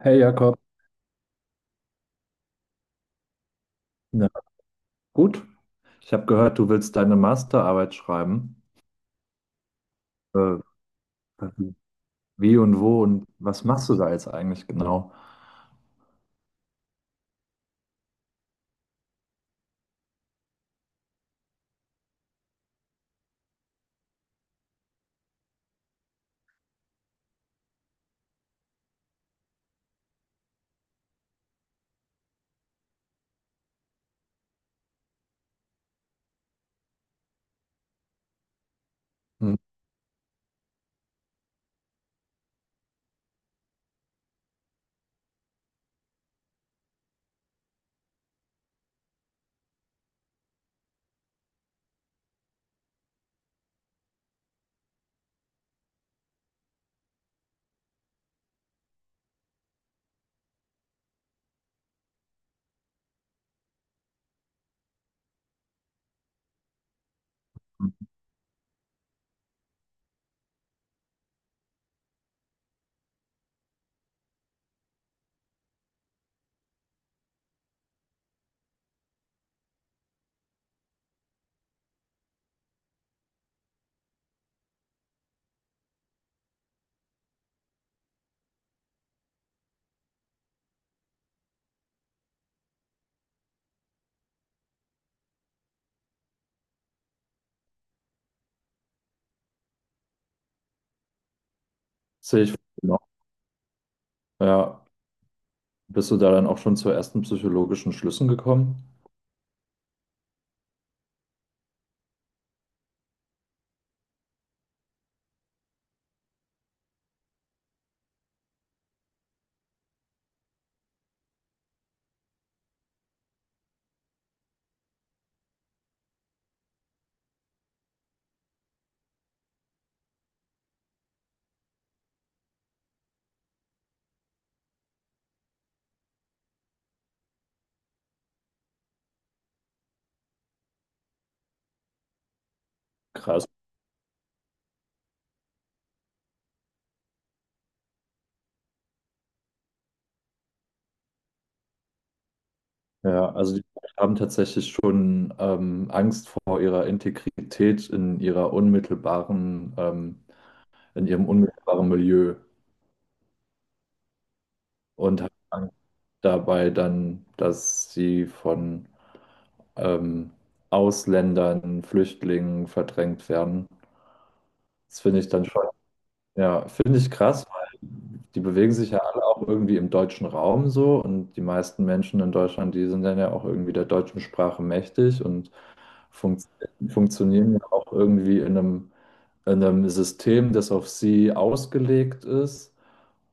Hey Jakob, na gut. Ich habe gehört, du willst deine Masterarbeit schreiben. Äh, Wie und wo und was machst du da jetzt eigentlich genau? Hm. Sehe ich genau. Ja, bist du da dann auch schon zu ersten psychologischen Schlüssen gekommen? Krass. Ja, also die haben tatsächlich schon Angst vor ihrer Integrität in ihrer in ihrem unmittelbaren Milieu und haben Angst dabei dann, dass sie von ähm, Ausländern, Flüchtlingen verdrängt werden. Das finde ich dann schon, ja, finde ich krass, weil die bewegen sich ja alle auch irgendwie im deutschen Raum so, und die meisten Menschen in Deutschland, die sind dann ja auch irgendwie der deutschen Sprache mächtig und funkt funktionieren ja auch irgendwie in einem System, das auf sie ausgelegt ist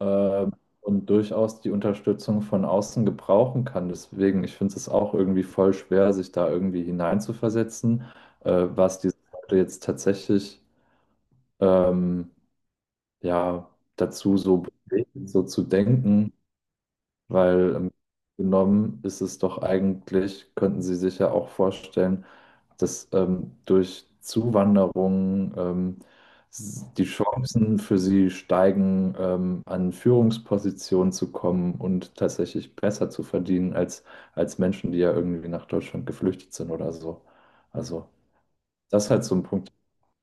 äh, und durchaus die Unterstützung von außen gebrauchen kann. Deswegen, ich finde es auch irgendwie voll schwer, sich da irgendwie hineinzuversetzen, was diese Leute jetzt tatsächlich ähm, ja, dazu so bewegt, so zu denken. Weil genommen ist es doch eigentlich, könnten Sie sich ja auch vorstellen, dass durch Zuwanderung die Chancen für Sie steigen, an Führungspositionen zu kommen und tatsächlich besser zu verdienen als, als Menschen, die ja irgendwie nach Deutschland geflüchtet sind oder so. Also das ist halt so ein Punkt,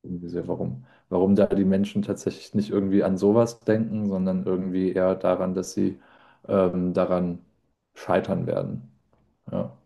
irgendwie sehr, warum da die Menschen tatsächlich nicht irgendwie an sowas denken, sondern irgendwie eher daran, dass sie daran scheitern werden. Ja,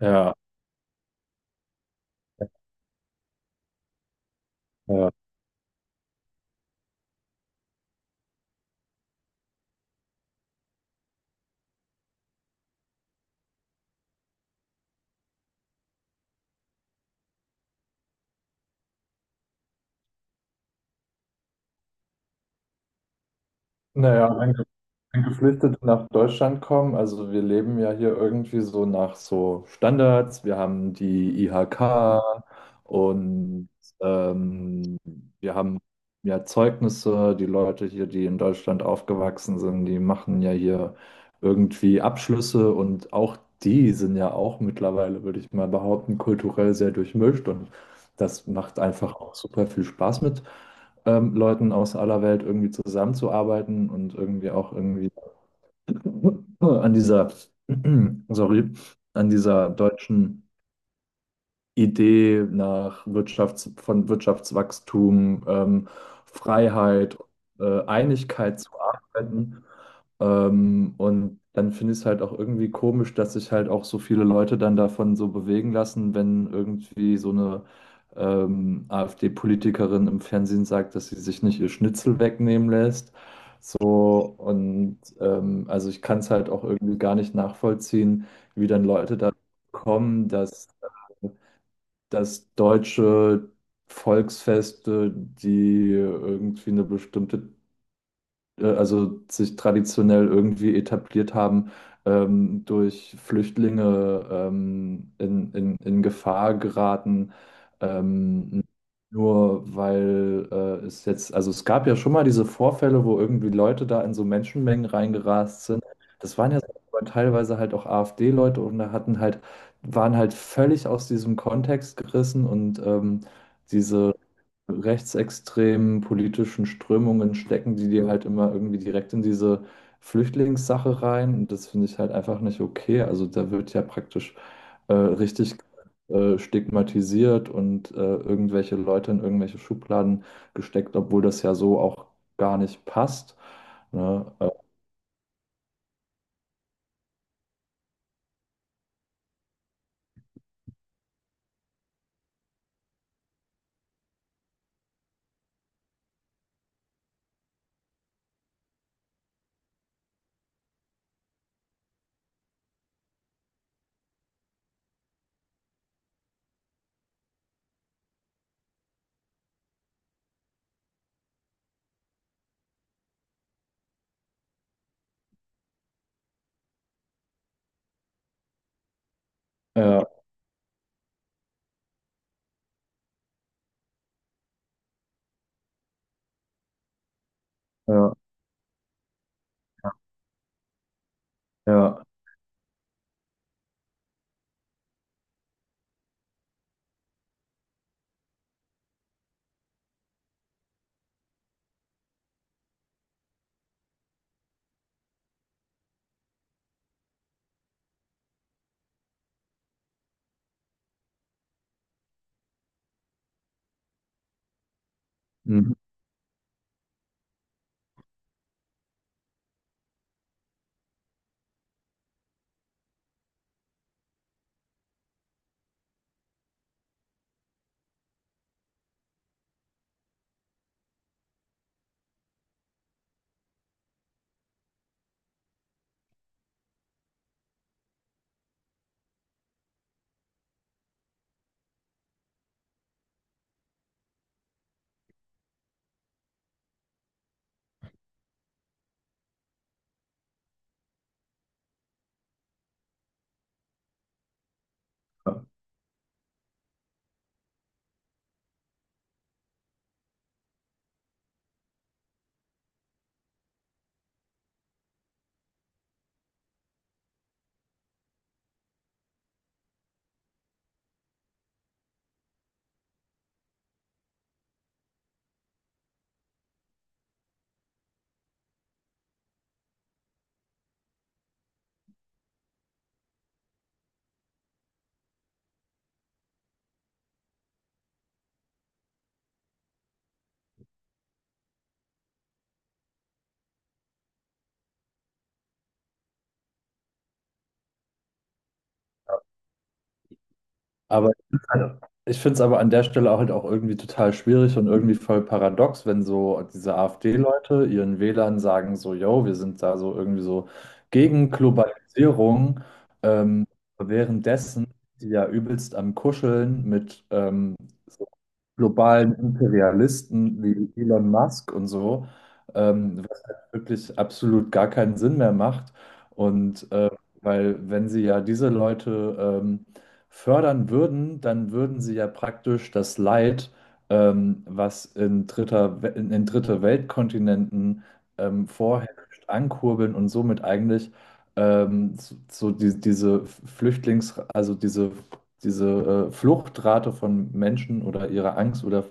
ja, ja. Naja, Geflüchtete nach Deutschland kommen. Also wir leben ja hier irgendwie so nach so Standards. Wir haben die IHK und ähm, wir haben ja Zeugnisse. Die Leute hier, die in Deutschland aufgewachsen sind, die machen ja hier irgendwie Abschlüsse, und auch die sind ja auch mittlerweile, würde ich mal behaupten, kulturell sehr durchmischt, und das macht einfach auch super viel Spaß mit Leuten aus aller Welt irgendwie zusammenzuarbeiten und irgendwie auch irgendwie an dieser, sorry, an dieser deutschen Idee nach Wirtschafts von Wirtschaftswachstum, Freiheit, Einigkeit zu arbeiten. Und dann finde ich es halt auch irgendwie komisch, dass sich halt auch so viele Leute dann davon so bewegen lassen, wenn irgendwie so eine AfD-Politikerin im Fernsehen sagt, dass sie sich nicht ihr Schnitzel wegnehmen lässt. So, und also ich kann es halt auch irgendwie gar nicht nachvollziehen, wie dann Leute da kommen, dass äh, dass deutsche Volksfeste, die irgendwie eine bestimmte, also sich traditionell irgendwie etabliert haben, durch Flüchtlinge in Gefahr geraten. Ähm, Nur weil es jetzt, also es gab ja schon mal diese Vorfälle, wo irgendwie Leute da in so Menschenmengen reingerast sind. Das waren ja so, aber teilweise halt auch AfD-Leute, und da hatten halt, waren halt völlig aus diesem Kontext gerissen, und diese rechtsextremen politischen Strömungen stecken, die dir halt immer irgendwie direkt in diese Flüchtlingssache rein. Und das finde ich halt einfach nicht okay. Also da wird ja praktisch richtig stigmatisiert, und irgendwelche Leute in irgendwelche Schubladen gesteckt, obwohl das ja so auch gar nicht passt. Ne? Ja, ja, ja. Mhm. Aber ich finde es aber an der Stelle auch halt auch irgendwie total schwierig und irgendwie voll paradox, wenn so diese AfD-Leute ihren Wählern sagen so, yo, wir sind da so irgendwie so gegen Globalisierung, ähm, währenddessen die ja übelst am Kuscheln mit so globalen Imperialisten wie Elon Musk und so, was halt wirklich absolut gar keinen Sinn mehr macht. Und weil wenn sie ja diese Leute fördern würden, dann würden sie ja praktisch das Leid, was in in dritte Weltkontinenten vorherrscht, ankurbeln und somit eigentlich so, so die, also diese Fluchtrate von Menschen oder ihre Angst oder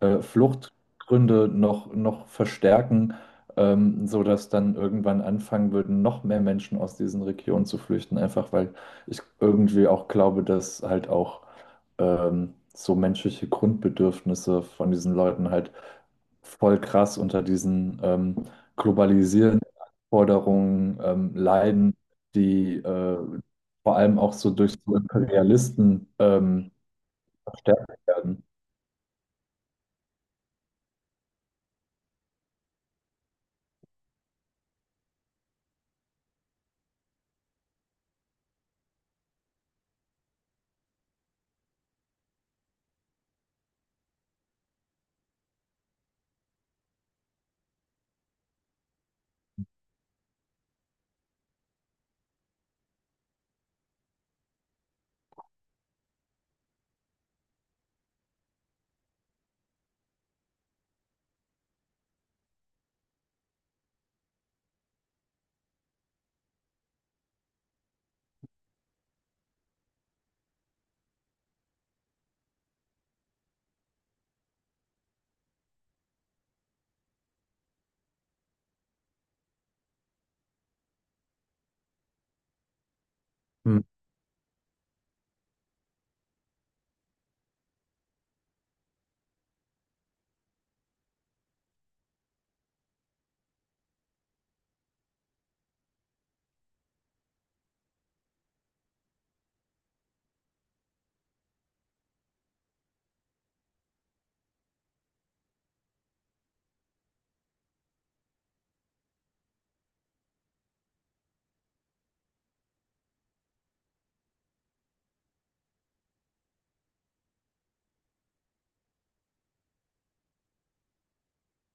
Fluchtgründe noch verstärken, sodass dann irgendwann anfangen würden, noch mehr Menschen aus diesen Regionen zu flüchten, einfach weil ich irgendwie auch glaube, dass halt auch so menschliche Grundbedürfnisse von diesen Leuten halt voll krass unter diesen globalisierenden Anforderungen leiden, die vor allem auch so durch so Imperialisten verstärkt werden. Hm.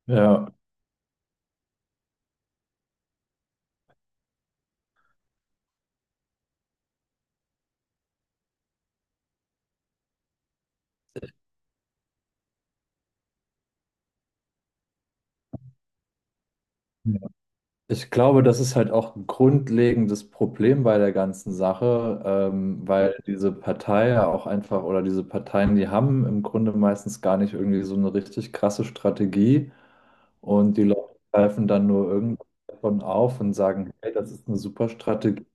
Ja. Ja. Ich glaube, das ist halt auch ein grundlegendes Problem bei der ganzen Sache, weil diese Partei ja auch einfach, oder diese Parteien, die haben im Grunde meistens gar nicht irgendwie so eine richtig krasse Strategie. Und die Leute greifen dann nur irgendwas davon auf und sagen, hey, das ist eine super Strategie,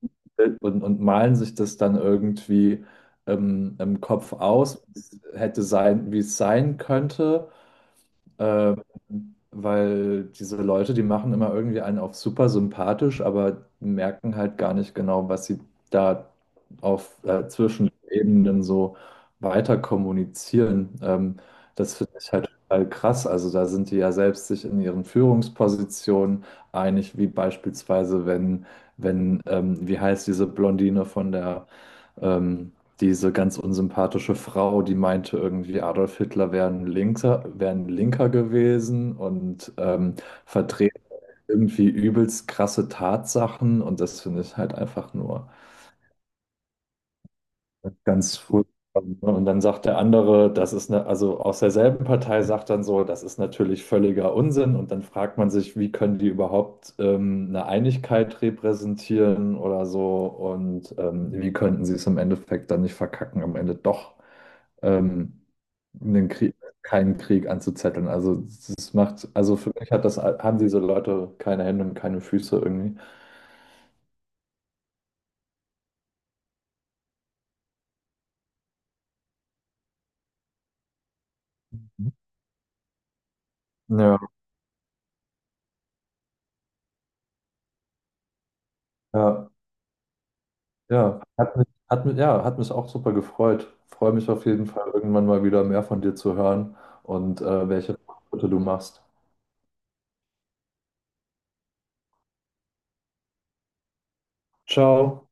und malen sich das dann irgendwie im Kopf aus, wie es hätte sein, wie es sein könnte. Äh, Weil diese Leute, die machen immer irgendwie einen auf super sympathisch, aber merken halt gar nicht genau, was sie da auf zwischen den Ebenen so weiter kommunizieren. Das finde ich halt total krass. Also da sind die ja selbst sich in ihren Führungspositionen einig, wie beispielsweise, wenn wie heißt diese Blondine von der ähm, diese ganz unsympathische Frau, die meinte irgendwie, Adolf Hitler wäre ein Linker gewesen, und vertrete irgendwie übelst krasse Tatsachen, und das finde ich halt einfach nur. Ganz furchtbar. Ne? Und dann sagt der andere, das ist eine, also aus derselben Partei sagt dann so, das ist natürlich völliger Unsinn. Und dann fragt man sich, wie können die überhaupt eine Einigkeit repräsentieren oder so? Und wie könnten sie es im Endeffekt dann nicht verkacken, am Ende doch ähm, einen Krieg, keinen Krieg anzuzetteln? Also das macht, also für mich hat das, haben diese Leute keine Hände und keine Füße irgendwie. Ja, ja. Ja, ja, hat mich auch super gefreut. Freue mich auf jeden Fall, irgendwann mal wieder mehr von dir zu hören und welche Schritte du machst. Ciao.